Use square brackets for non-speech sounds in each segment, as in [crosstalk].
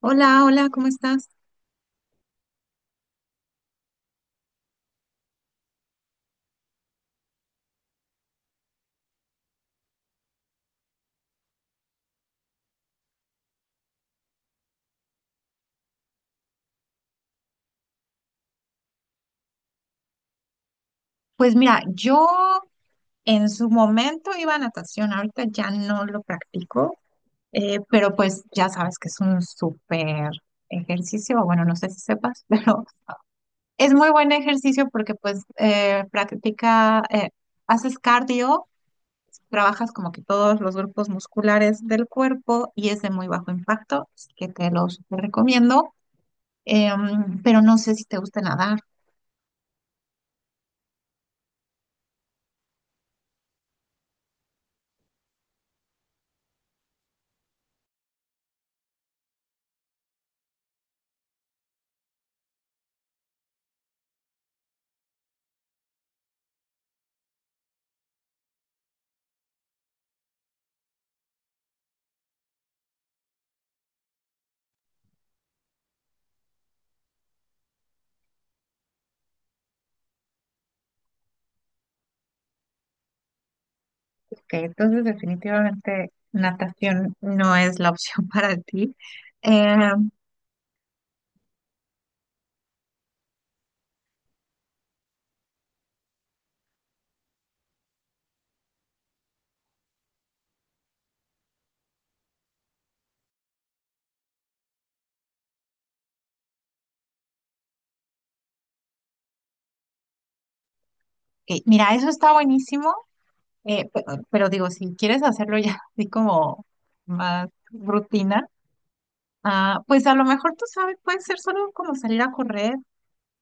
Hola, hola, ¿cómo estás? Pues mira, yo en su momento iba a natación, ahorita ya no lo practico, pero pues ya sabes que es un súper ejercicio. Bueno, no sé si sepas, [laughs] pero es muy buen ejercicio porque pues haces cardio, trabajas como que todos los grupos musculares del cuerpo y es de muy bajo impacto, así que te los recomiendo. Pero no sé si te gusta nadar. Ok, entonces definitivamente natación no es la opción [laughs] para ti. Em, ok, mira, eso está buenísimo, eh, pe- pero, digo, si quieres hacerlo ya [laughs] así como más rutina. Ah, pues a lo mejor tú sabes, puede ser solo como salir a correr,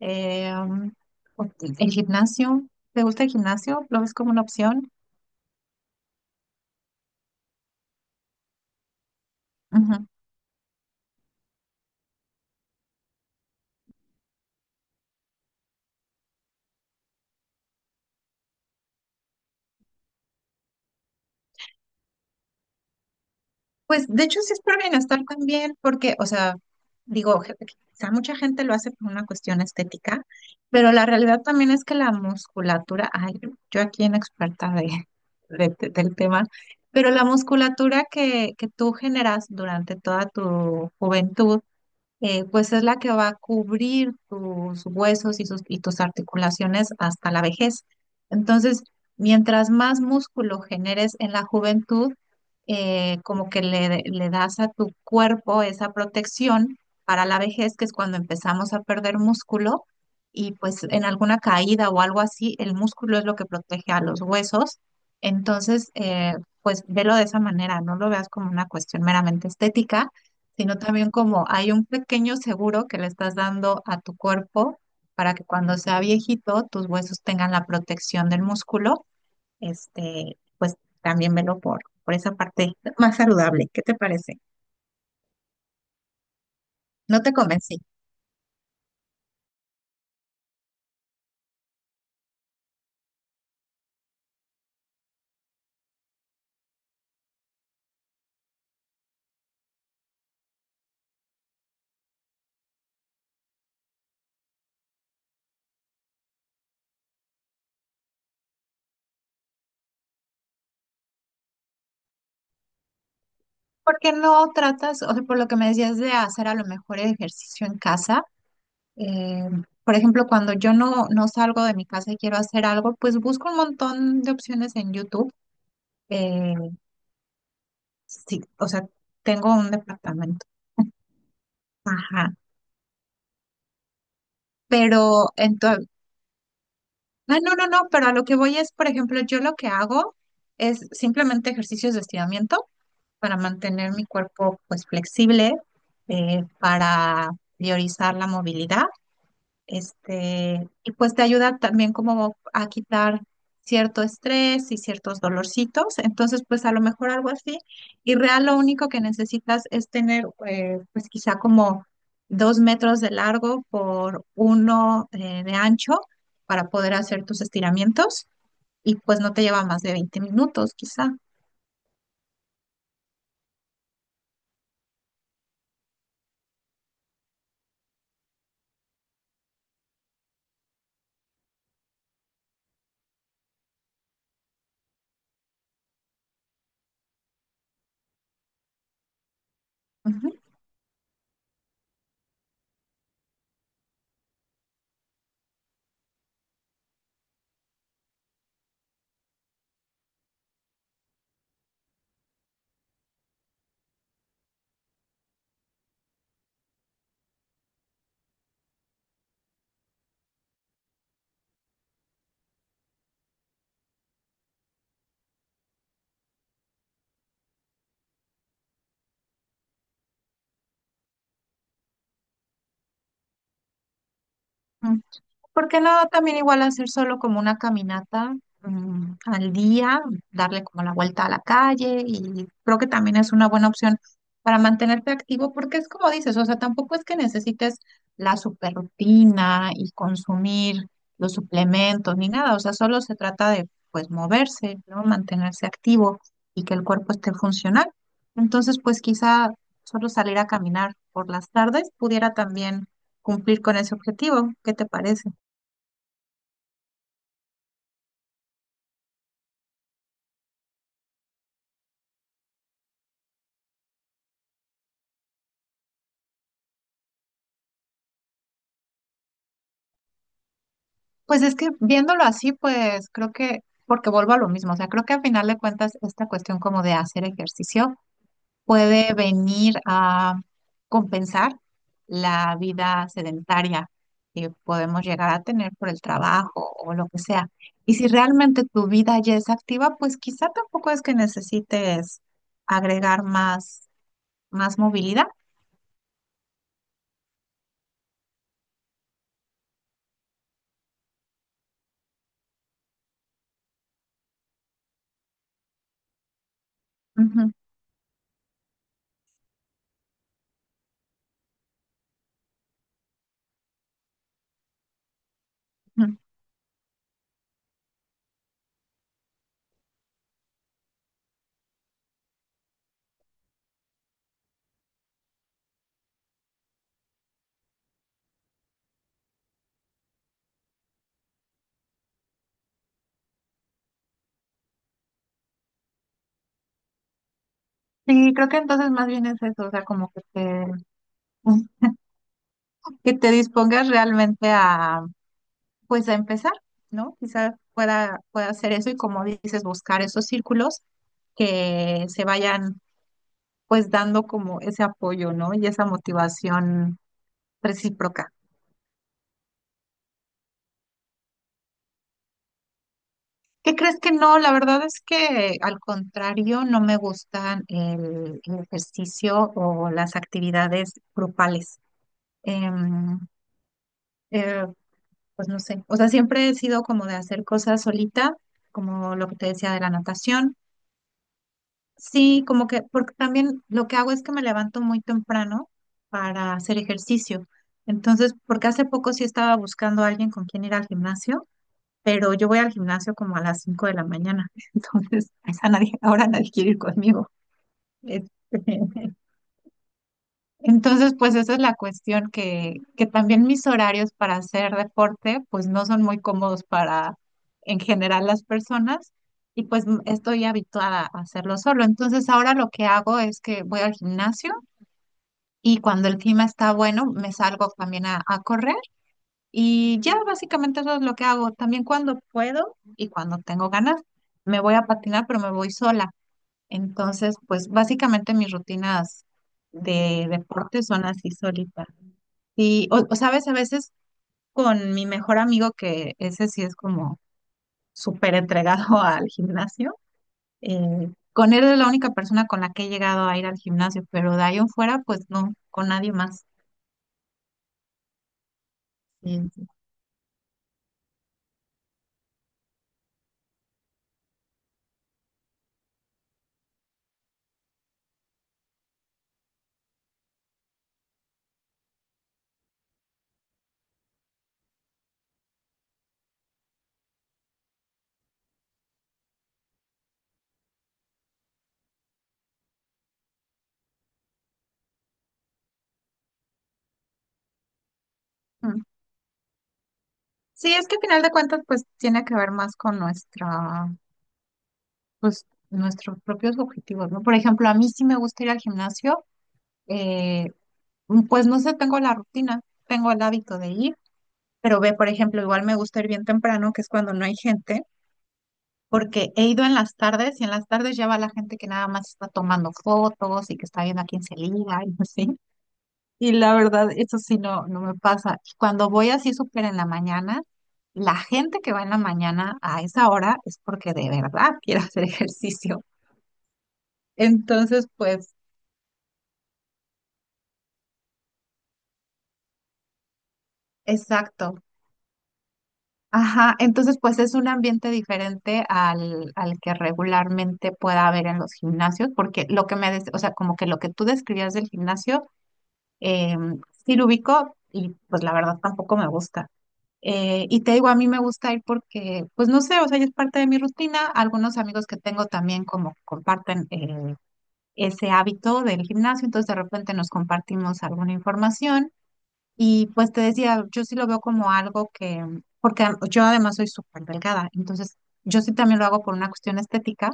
eh, um, o el gimnasio. ¿Te gusta el gimnasio? ¿Lo ves como una opción? Pues de hecho sí es por bienestar también, porque, o sea, digo, quizá mucha gente lo hace por una cuestión estética, pero la realidad también es que la musculatura, ay, yo aquí en experta del tema, pero la musculatura que tú generas durante toda tu juventud, pues es la que va a cubrir tus huesos y, y tus articulaciones hasta la vejez. Entonces, mientras más músculo generes en la juventud, como que le das a tu cuerpo esa protección para la vejez, que es cuando empezamos a perder músculo, y pues en alguna caída o algo así, el músculo es lo que protege a los huesos. Entonces, pues velo de esa manera, no lo veas como una cuestión meramente estética, sino también como hay un pequeño seguro que le estás dando a tu cuerpo para que cuando sea viejito tus huesos tengan la protección del músculo. Este, pues también velo por esa parte más saludable. ¿Qué te parece? No te convencí. ¿Por qué no tratas, o sea, por lo que me decías de hacer a lo mejor ejercicio en casa? eh, por ejemplo, cuando yo no salgo de mi casa y quiero hacer algo, pues busco un montón de opciones en YouTube. eh, sí, o sea, tengo un departamento. Ajá. Pero entonces, no, no, no, pero a lo que voy es, por ejemplo, yo lo que hago es simplemente ejercicios de estiramiento para mantener mi cuerpo pues flexible, para priorizar la movilidad. Este, y pues te ayuda también como a quitar cierto estrés y ciertos dolorcitos. Entonces, pues a lo mejor algo así. Y real lo único que necesitas es tener, pues quizá como 2 metros de largo por uno, de ancho para poder hacer tus estiramientos, y pues no te lleva más de 20 minutos, quizá. Ujú, ujú. ¿Por qué no también igual hacer solo como una caminata, al día, darle como la vuelta a la calle? Y creo que también es una buena opción para mantenerte activo, porque es como dices, o sea, tampoco es que necesites la super rutina y consumir los suplementos ni nada, o sea, solo se trata de pues moverse, ¿no? Mantenerse activo y que el cuerpo esté funcional. Entonces, pues quizá solo salir a caminar por las tardes pudiera también cumplir con ese objetivo. ¿Qué te parece? Pues es que viéndolo así, pues creo que, porque vuelvo a lo mismo, o sea, creo que al final de cuentas esta cuestión como de hacer ejercicio puede venir a compensar la vida sedentaria que podemos llegar a tener por el trabajo o lo que sea. Y si realmente tu vida ya es activa, pues quizá tampoco es que necesites agregar más, más movilidad. Ujú, ujú. Sí, creo que entonces más bien es eso, o sea, [laughs] que te dispongas realmente pues a empezar, ¿no? Quizás pueda hacer eso y como dices, buscar esos círculos que se vayan pues dando como ese apoyo, ¿no? Y esa motivación recíproca. ¿Qué crees que no? La verdad es que al contrario, no me gustan el ejercicio o las actividades grupales. Em, eh, pues no sé, o sea, siempre he sido como de hacer cosas solita, como lo que te decía de la natación. Sí, como que, porque también lo que hago es que me levanto muy temprano para hacer ejercicio. Entonces, porque hace poco sí estaba buscando a alguien con quien ir al gimnasio, pero yo voy al gimnasio como a las 5 de la mañana. [laughs] Entonces, a esa nadie, ahora nadie quiere ir conmigo. Este, entonces, pues esa es la cuestión, que también mis horarios para hacer deporte, pues no son muy cómodos para en general las personas, y pues estoy habituada a hacerlo solo. Entonces, ahora lo que hago es que voy al gimnasio y cuando el clima está bueno, me salgo también a correr y ya básicamente eso es lo que hago. También cuando puedo y cuando tengo ganas, me voy a patinar, pero me voy sola. Entonces, pues básicamente mis rutinas de deporte son así solitas. Sí, o sabes, a veces con mi mejor amigo, que ese sí es como súper entregado [laughs] al gimnasio, con él es la única persona con la que he llegado a ir al gimnasio, pero de ahí en fuera, pues no, con nadie más. Sí, sí. Mm. Sí, es que al final de cuentas, pues tiene que ver más con nuestra, pues nuestros propios objetivos, ¿no? Por ejemplo, a mí sí me gusta ir al gimnasio. eh, pues no sé, tengo la rutina, tengo el hábito de ir, pero ve, por ejemplo, igual me gusta ir bien temprano, que es cuando no hay gente, porque he ido en las tardes y en las tardes ya va la gente que nada más está tomando fotos y que está viendo a quién se liga y así. Y la verdad, eso sí no me pasa. Y cuando voy así súper en la mañana, la gente que va en la mañana a esa hora es porque de verdad quiere [laughs] hacer ejercicio. Entonces, pues, exacto. Ajá, entonces pues es un ambiente diferente al, al que regularmente pueda haber en los gimnasios, porque lo que me, o sea, como que lo que tú describías del gimnasio, Eh, sí lo ubico y pues la verdad tampoco me gusta. Y te digo, a mí me gusta ir porque, pues no sé, o sea, ya es parte de mi rutina. Algunos amigos que tengo también como comparten ese hábito del gimnasio, entonces de repente nos compartimos alguna información. Y pues te decía, yo sí lo veo como algo que, porque yo además soy súper delgada, entonces yo sí también lo hago por una cuestión estética,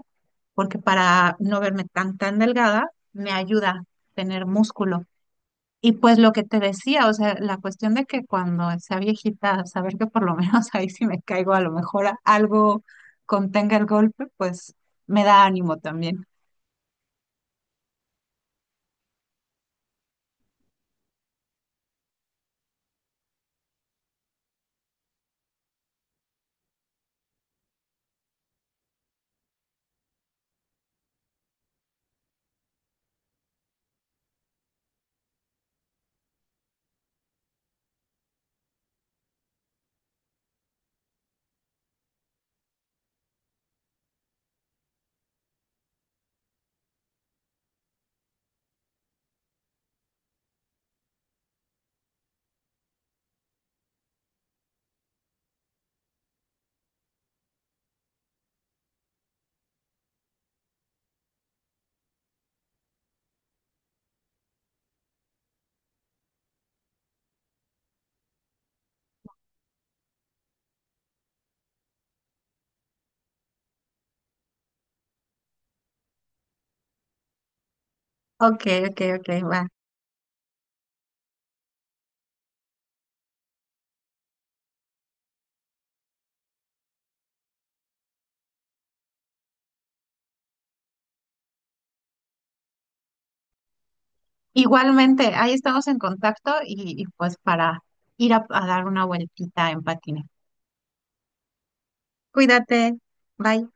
porque para no verme tan, tan delgada, me ayuda tener músculo. Y pues lo que te decía, o sea, la cuestión de que cuando sea viejita, saber que por lo menos [laughs] ahí si me caigo, a lo mejor algo contenga el golpe, pues me da ánimo también. Ok, ok, ok, va. Igualmente, ahí estamos en contacto y pues para ir a dar una vueltita en patines. Cuídate, bye.